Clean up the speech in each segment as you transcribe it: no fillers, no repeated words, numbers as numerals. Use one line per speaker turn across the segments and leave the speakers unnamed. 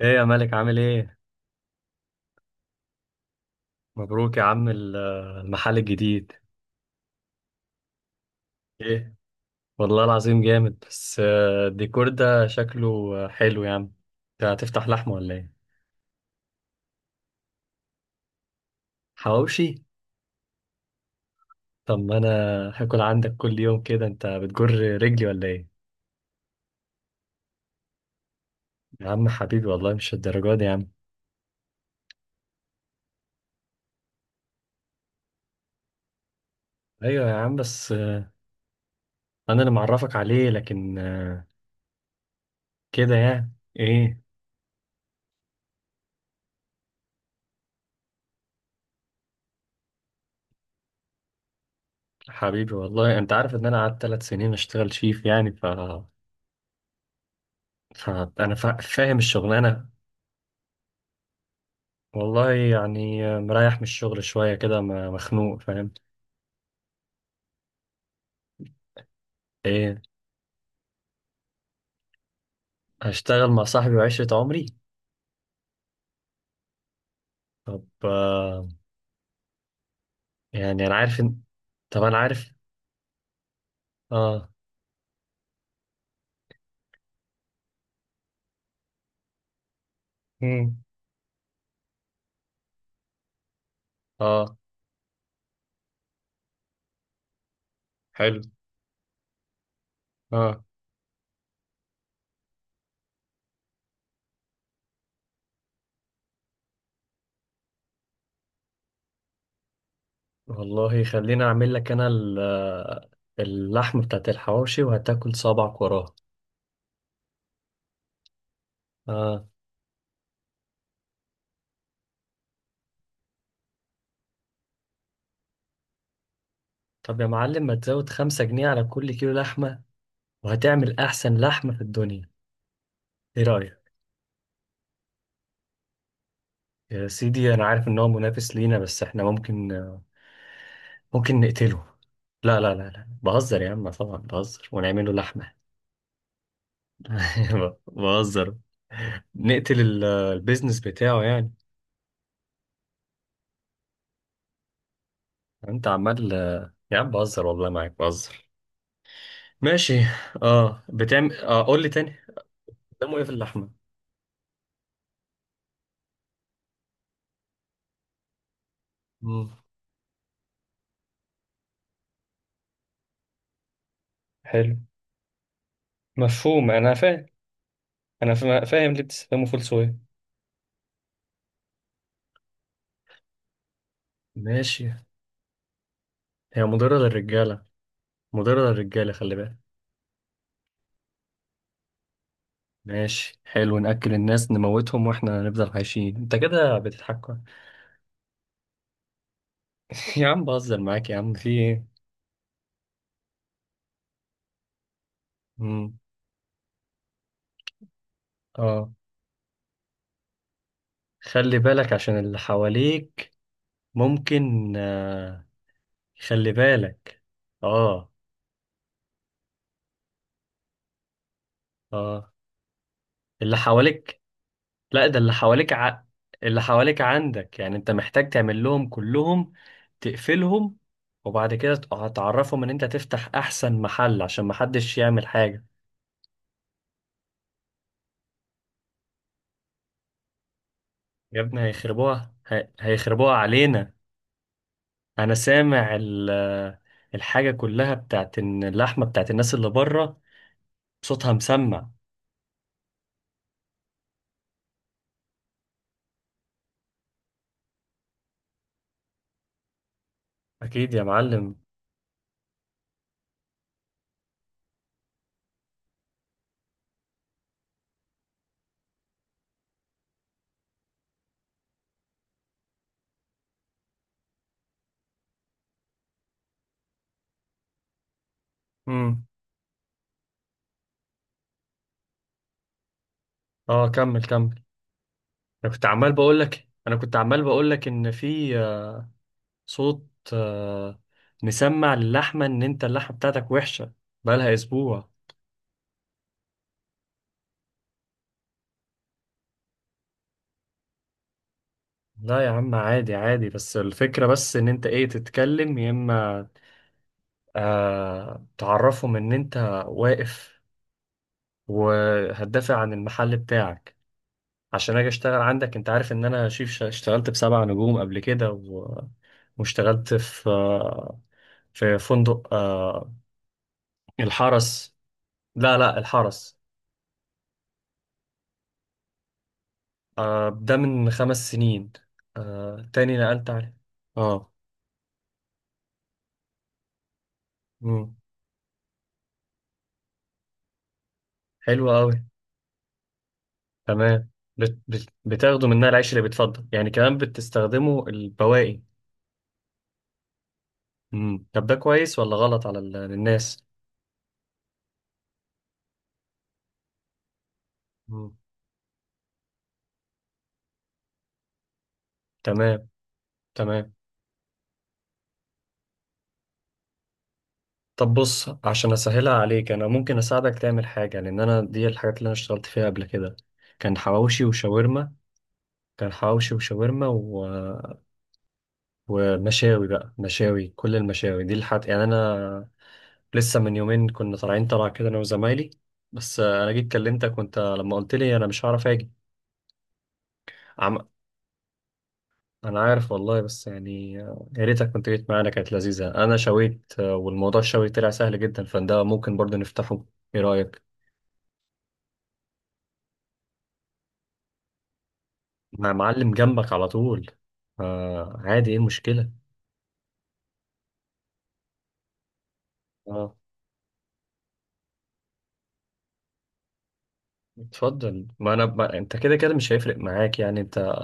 ايه يا مالك، عامل ايه؟ مبروك يا عم المحل الجديد. ايه والله العظيم جامد، بس الديكور ده شكله حلو يا عم. انت هتفتح لحمة ولا ايه؟ حواوشي؟ طب ما انا هاكل عندك كل يوم كده، انت بتجر رجلي ولا ايه؟ يا عم حبيبي والله مش الدرجات دي يا عم. ايوه يا عم، بس انا اللي معرفك عليه، لكن كده يعني. ايه. حبيبي والله انت عارف ان انا قعدت 3 سنين اشتغل شيف، يعني فأنا فاهم الشغلانة. والله يعني مريح من الشغل شوية كده، مخنوق فاهم. ايه. هشتغل مع صاحبي وعشرة عمري. طب آه. يعني انا عارف ان طب انا عارف. اه. مم. اه. حلو. اه. والله خليني اعمل لك انا اللحم بتاعت الحواوشي وهتاكل صابعك وراها. اه. طب يا معلم، ما تزود 5 جنيه على كل كيلو لحمة وهتعمل احسن لحمة في الدنيا. ايه رأيك؟ يا سيدي انا عارف ان هو منافس لينا، بس احنا ممكن ممكن نقتله. لا لا لا لا، بهزر يا عم، طبعا بهزر ونعمله لحمة. بهزر. نقتل البيزنس بتاعه يعني. انت عمال. يا عم بهزر والله، معاك بهزر. ماشي. اه. بتعمل اه، قول لي تاني. قدامه ايه في اللحمة؟ مم. حلو. مفهوم، انا فاهم. انا فاهم ليه بتستخدمه فول صويا. ماشي. هي مضرة للرجالة، مضرة للرجالة، خلي بالك. ماشي حلو، نأكل الناس نموتهم واحنا نفضل عايشين، انت كده بتتحكم. يا عم بهزر معاك، يا عم في ايه. مم. اه، خلي بالك عشان اللي حواليك. ممكن آه. خلي بالك. اه. اه. اللي حواليك. لا، ده اللي حواليك اللي حواليك عندك، يعني انت محتاج تعمل لهم كلهم، تقفلهم. وبعد كده هتعرفهم ان انت تفتح احسن محل عشان محدش يعمل حاجة. يا ابني هيخربوها، هيخربوها علينا. انا سامع الحاجة كلها بتاعت إن اللحمة بتاعت الناس اللي بره صوتها مسمع. اكيد يا معلم. امم. اه، كمل كمل. انا كنت عمال بقول لك، انا كنت عمال بقول لك، ان في صوت مسمع للحمه ان انت اللحمه بتاعتك وحشه بقالها اسبوع. لا يا عم عادي عادي، بس الفكره بس ان انت ايه، تتكلم. يا اما تعرفهم ان انت واقف وهتدافع عن المحل بتاعك عشان اجي اشتغل عندك. انت عارف ان انا شيف، اشتغلت بسبع نجوم قبل كده و... واشتغلت في في فندق آه الحرس. لا لا الحرس. آه ده من 5 سنين. آه تاني نقلت عليه. اه. مم. حلو قوي. تمام. بت بت بتاخده منها العيش اللي بيتفضل يعني، كمان بتستخدمه البواقي. مم. طب ده كويس ولا غلط على الناس؟ مم. تمام. تمام. طب بص، عشان اسهلها عليك انا ممكن اساعدك تعمل حاجه، لان انا دي الحاجات اللي انا اشتغلت فيها قبل كده. كان حواوشي وشاورما. كان حواوشي وشاورما ومشاوي. بقى مشاوي، كل المشاوي دي الحاجات، يعني انا لسه من يومين كنا طالعين طلع كده انا وزمايلي. بس انا جيت كلمتك، وانت لما قلت لي انا مش هعرف اجي. عم... انا عارف والله، بس يعني يا ريتك كنت جيت معانا، كانت لذيذة. انا شويت والموضوع الشوي طلع سهل جدا، فده ممكن برضه نفتحه. ايه رأيك؟ مع معلم جنبك على طول. آه عادي، ايه المشكلة. اه اتفضل. ما انا ما... انت كده كده مش هيفرق معاك يعني. انت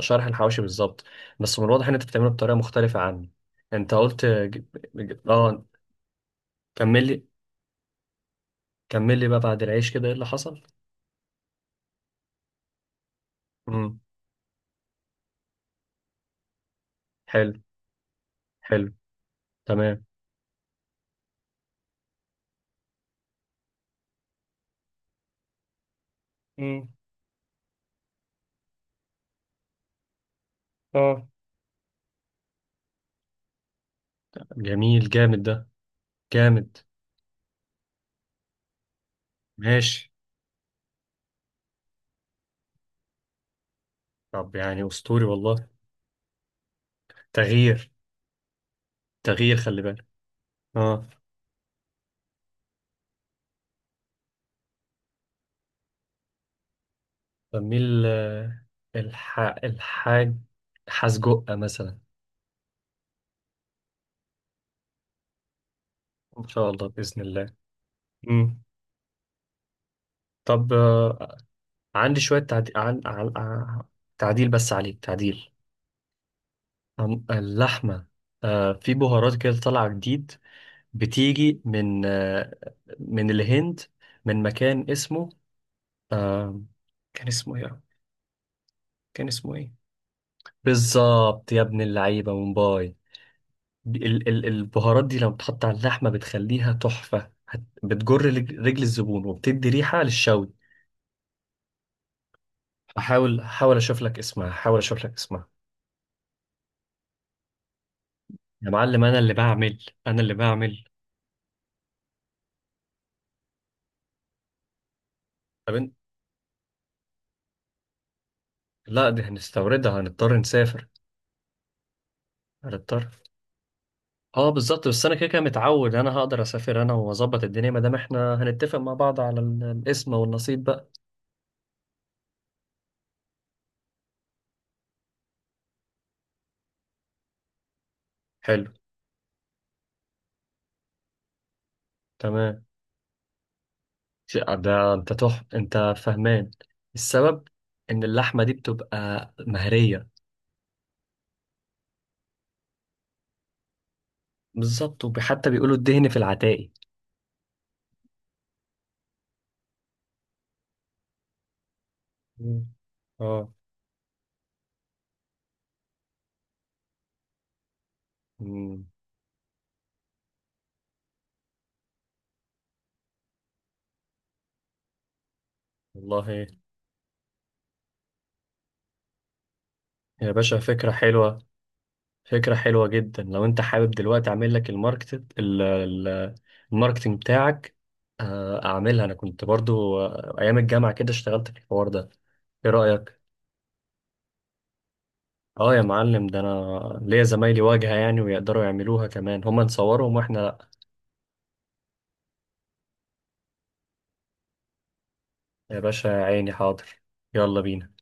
شرح الحواشي بالظبط، بس من الواضح ان انت بتعمله بطريقه مختلفه عني. انت قلت اه. كمل لي، كمل لي بقى، بعد العيش كده ايه اللي حصل؟ امم. حلو. حلو. تمام. امم. اه. جميل، جامد ده. جامد. ماشي. طب يعني اسطوري والله. تغيير. تغيير خلي بالك. اه، بميل الحاج حسجقة مثلا. ان شاء الله باذن الله. امم. طب عندي شوية تعديل تعديل بس عليك، تعديل اللحمة. في بهارات كده طالعة جديد، بتيجي من من الهند، من مكان اسمه آه كان اسمه ايه، كان اسمه ايه. بالظبط يا ابن اللعيبة، مومباي. البهارات دي لما بتحط على اللحمة بتخليها تحفة، بتجر رجل الزبون وبتدي ريحة للشوي. هحاول، هحاول اشوف لك اسمها، هحاول اشوف لك اسمها. يا معلم، انا اللي بعمل، انا اللي بعمل. طب. لا دي هنستوردها، هنضطر نسافر. هنضطر. اه بالظبط، بس انا كده كده متعود، انا هقدر اسافر انا واظبط الدنيا، ما دام احنا هنتفق مع بعض على الاسم والنصيب بقى. حلو. تمام. ش- ده انت فهمان السبب ان اللحمه دي بتبقى مهريه. بالظبط، وحتى بيقولوا الدهن في العتاقي. مم. اه. مم. والله يا باشا فكره حلوه، فكرة حلوة جدا. لو انت حابب دلوقتي اعمل لك الماركت ال- ال- الماركتنج بتاعك اعملها. انا كنت برضو ايام الجامعة كده اشتغلت في الحوار ده. ايه رأيك؟ اه يا معلم، ده انا ليا زمايلي واجهة يعني، ويقدروا يعملوها كمان هما، نصورهم واحنا لا. يا باشا يا عيني، حاضر. يلا بينا.